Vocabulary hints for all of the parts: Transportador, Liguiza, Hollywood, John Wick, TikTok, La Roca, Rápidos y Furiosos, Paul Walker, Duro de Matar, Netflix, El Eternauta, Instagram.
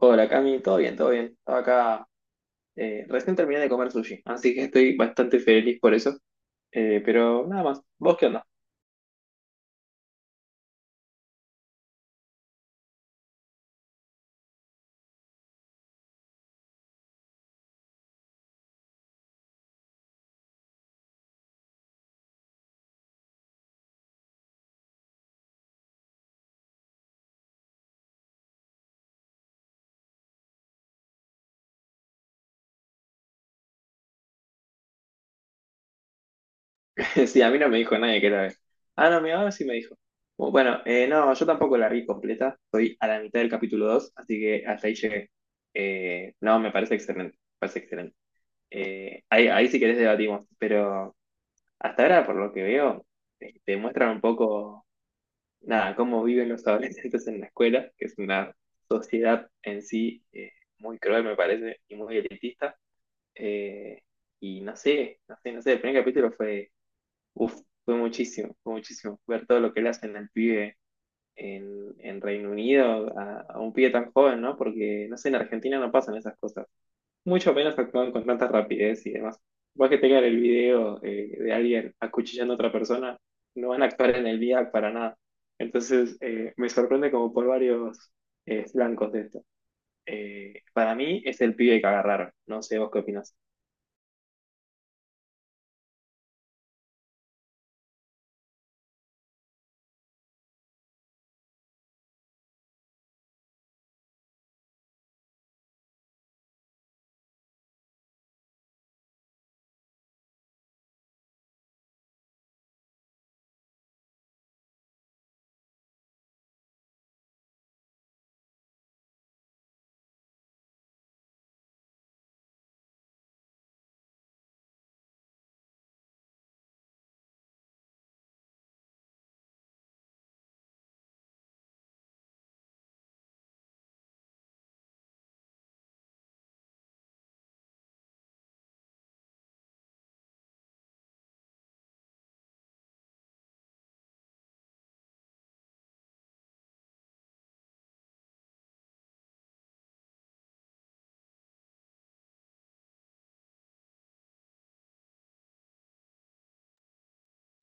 Hola Cami, todo bien, todo bien. Estaba acá, recién terminé de comer sushi, así que estoy bastante feliz por eso. Pero nada más, ¿vos qué onda? Sí, a mí no me dijo nadie que era vez. Ah, no, mi ahora sí me dijo. Bueno, no, yo tampoco la vi completa, estoy a la mitad del capítulo 2, así que hasta ahí llegué. No, me parece excelente, me parece excelente. Ahí, si querés debatimos, pero hasta ahora, por lo que veo, te muestran un poco nada, cómo viven los adolescentes en la escuela, que es una sociedad en sí muy cruel, me parece, y muy elitista. Eh, y no sé, el primer capítulo fue, uf, fue muchísimo, fue muchísimo. Ver todo lo que le hacen al pibe en Reino Unido, a un pibe tan joven, ¿no? Porque, no sé, en Argentina no pasan esas cosas, mucho menos actúan con tanta rapidez y demás. Vos que tengan el video de alguien acuchillando a otra persona, no van a actuar en el día para nada. Entonces, me sorprende como por varios flancos de esto. Para mí es el pibe que agarraron, no sé vos qué opinás.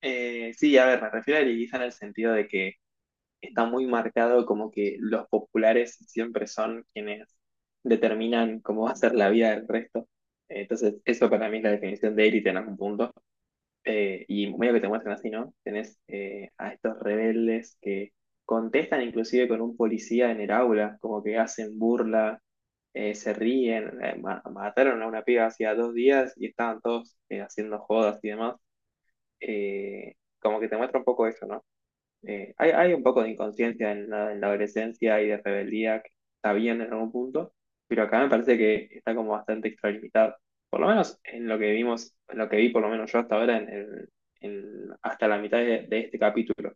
Sí, a ver, me refiero a Liguiza en el sentido de que está muy marcado como que los populares siempre son quienes determinan cómo va a ser la vida del resto. Entonces, eso para mí es la definición de élite en algún punto. Y medio que te muestran así, ¿no? Tenés a estos rebeldes que contestan inclusive con un policía en el aula, como que hacen burla, se ríen, mataron a una piba hacía dos días y estaban todos haciendo jodas y demás. Eh, Como que te muestra un poco eso, ¿no? Hay un poco de inconsciencia en la adolescencia y de rebeldía que está bien en algún punto, pero acá me parece que está como bastante extralimitado. Por lo menos en lo que vimos, en lo que vi por lo menos yo hasta ahora, hasta la mitad de este capítulo.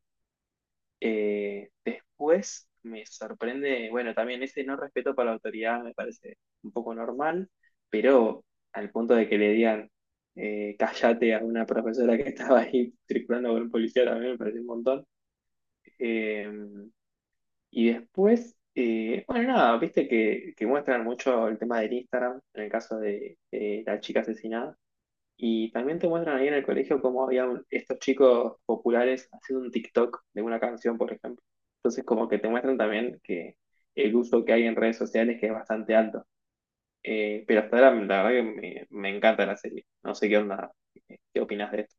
Después me sorprende, bueno, también ese no respeto para la autoridad me parece un poco normal, pero al punto de que le digan cállate a una profesora que estaba ahí circulando con un policía también me parece un montón. Eh, y después, bueno, nada, viste que muestran mucho el tema del Instagram, en el caso de la chica asesinada. Y también te muestran ahí en el colegio cómo había estos chicos populares haciendo un TikTok de una canción, por ejemplo. Entonces, como que te muestran también que el uso que hay en redes sociales que es bastante alto. Pero hasta ahora, la verdad que me encanta la serie. No sé qué onda, qué opinas de eso.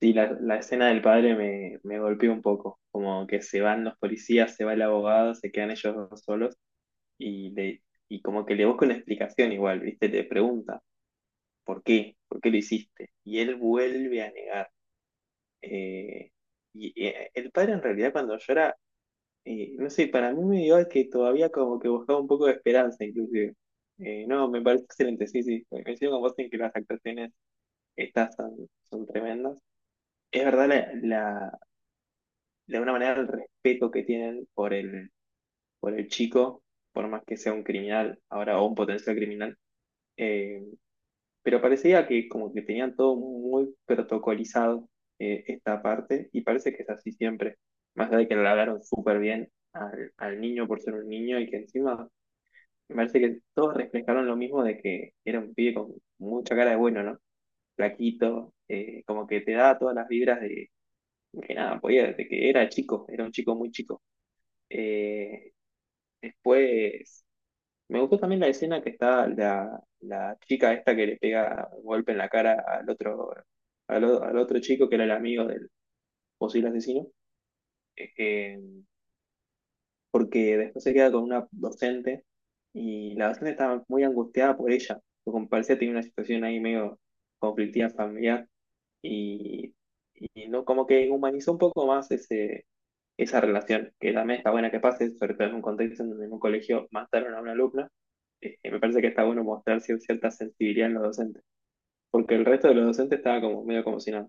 Sí, la escena del padre me golpeó un poco, como que se van los policías, se va el abogado, se quedan ellos dos solos y, le, y como que le busca una explicación igual, ¿viste? Le pregunta, ¿por qué? ¿Por qué lo hiciste? Y él vuelve a negar. eh, el padre en realidad cuando llora, no sé, para mí me dio que todavía como que buscaba un poco de esperanza inclusive. No, me parece excelente, sí, sí, coincido con vos en que las actuaciones estas son, son tremendas. Es verdad de alguna manera el respeto que tienen por por el chico, por más que sea un criminal ahora o un potencial criminal. Eh, pero parecía que como que tenían todo muy protocolizado esta parte y parece que es así siempre, más allá de que le hablaron súper bien al niño por ser un niño y que encima me parece que todos reflejaron lo mismo de que era un pibe con mucha cara de bueno, ¿no? Flaquito, como que te da todas las vibras de que nada, podía, de que era chico, era un chico muy chico. Eh, Después, me gustó también la escena que está la chica esta que le pega un golpe en la cara al otro, al otro chico que era el amigo del posible asesino, eh, eh, porque después se queda con una docente y la docente estaba muy angustiada por ella, porque como parecía tenía una situación ahí medio conflictiva familiar y, y no, como que humanizó un poco más esa relación, que también está buena que pase, sobre todo en un contexto en donde en un colegio mataron a una alumna. Me parece que está bueno mostrar cierta sensibilidad en los docentes, porque el resto de los docentes estaba como medio como si nada.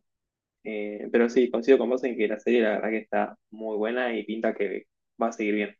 Pero sí, coincido con vos en que la serie la verdad que está muy buena y pinta que va a seguir bien.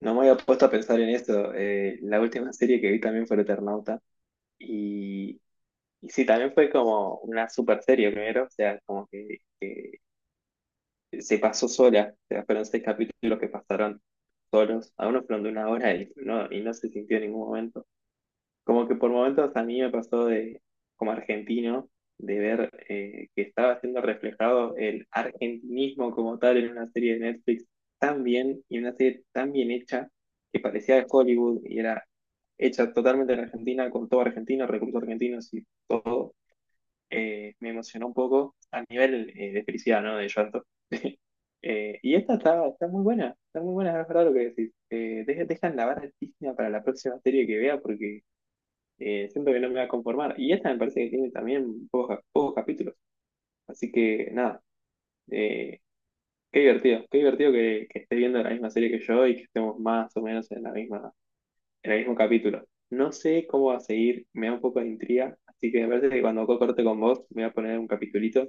No me había puesto a pensar en eso, la última serie que vi también fue El Eternauta y, y sí, también fue como una super serie primero, o sea, como que se pasó sola, o sea, fueron seis capítulos que pasaron solos, algunos fueron de una hora y no se sintió en ningún momento. Como que por momentos a mí me pasó de, como argentino, de ver que estaba siendo reflejado el argentinismo como tal en una serie de Netflix tan bien y una serie tan bien hecha que parecía de Hollywood y era hecha totalmente en Argentina, con todo argentino, recursos argentinos y todo, me emocionó un poco a nivel de felicidad, ¿no? De llanto. Y esta está, está muy buena, es verdad lo que decís. Dejan la barra altísima para la próxima serie que vea porque siento que no me va a conformar. Y esta me parece que tiene también pocos, pocos capítulos. Así que nada, eh, qué divertido que esté viendo la misma serie que yo y que estemos más o menos en la misma, en el mismo capítulo. No sé cómo va a seguir, me da un poco de intriga, así que me parece que cuando corte con vos me voy a poner un capitulito,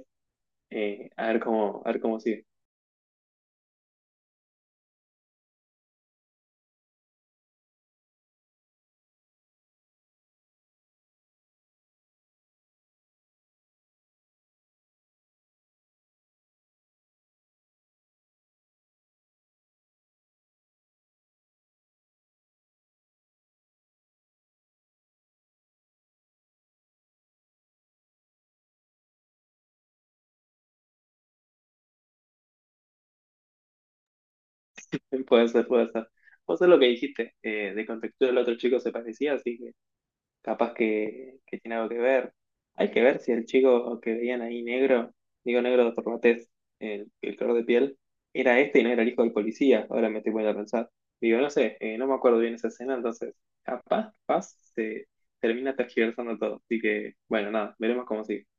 a ver cómo sigue. Puede ser, puede ser. Vos es lo que dijiste, de contextura el otro chico se parecía, así que capaz que tiene algo que ver. Hay que ver si el chico que veían ahí negro, digo negro por la tez, el color de piel, era este y no era el hijo del policía. Ahora me estoy poniendo a pensar. Digo, no sé, no me acuerdo bien esa escena, entonces capaz, capaz se termina tergiversando todo. Así que, bueno, nada, veremos cómo sigue.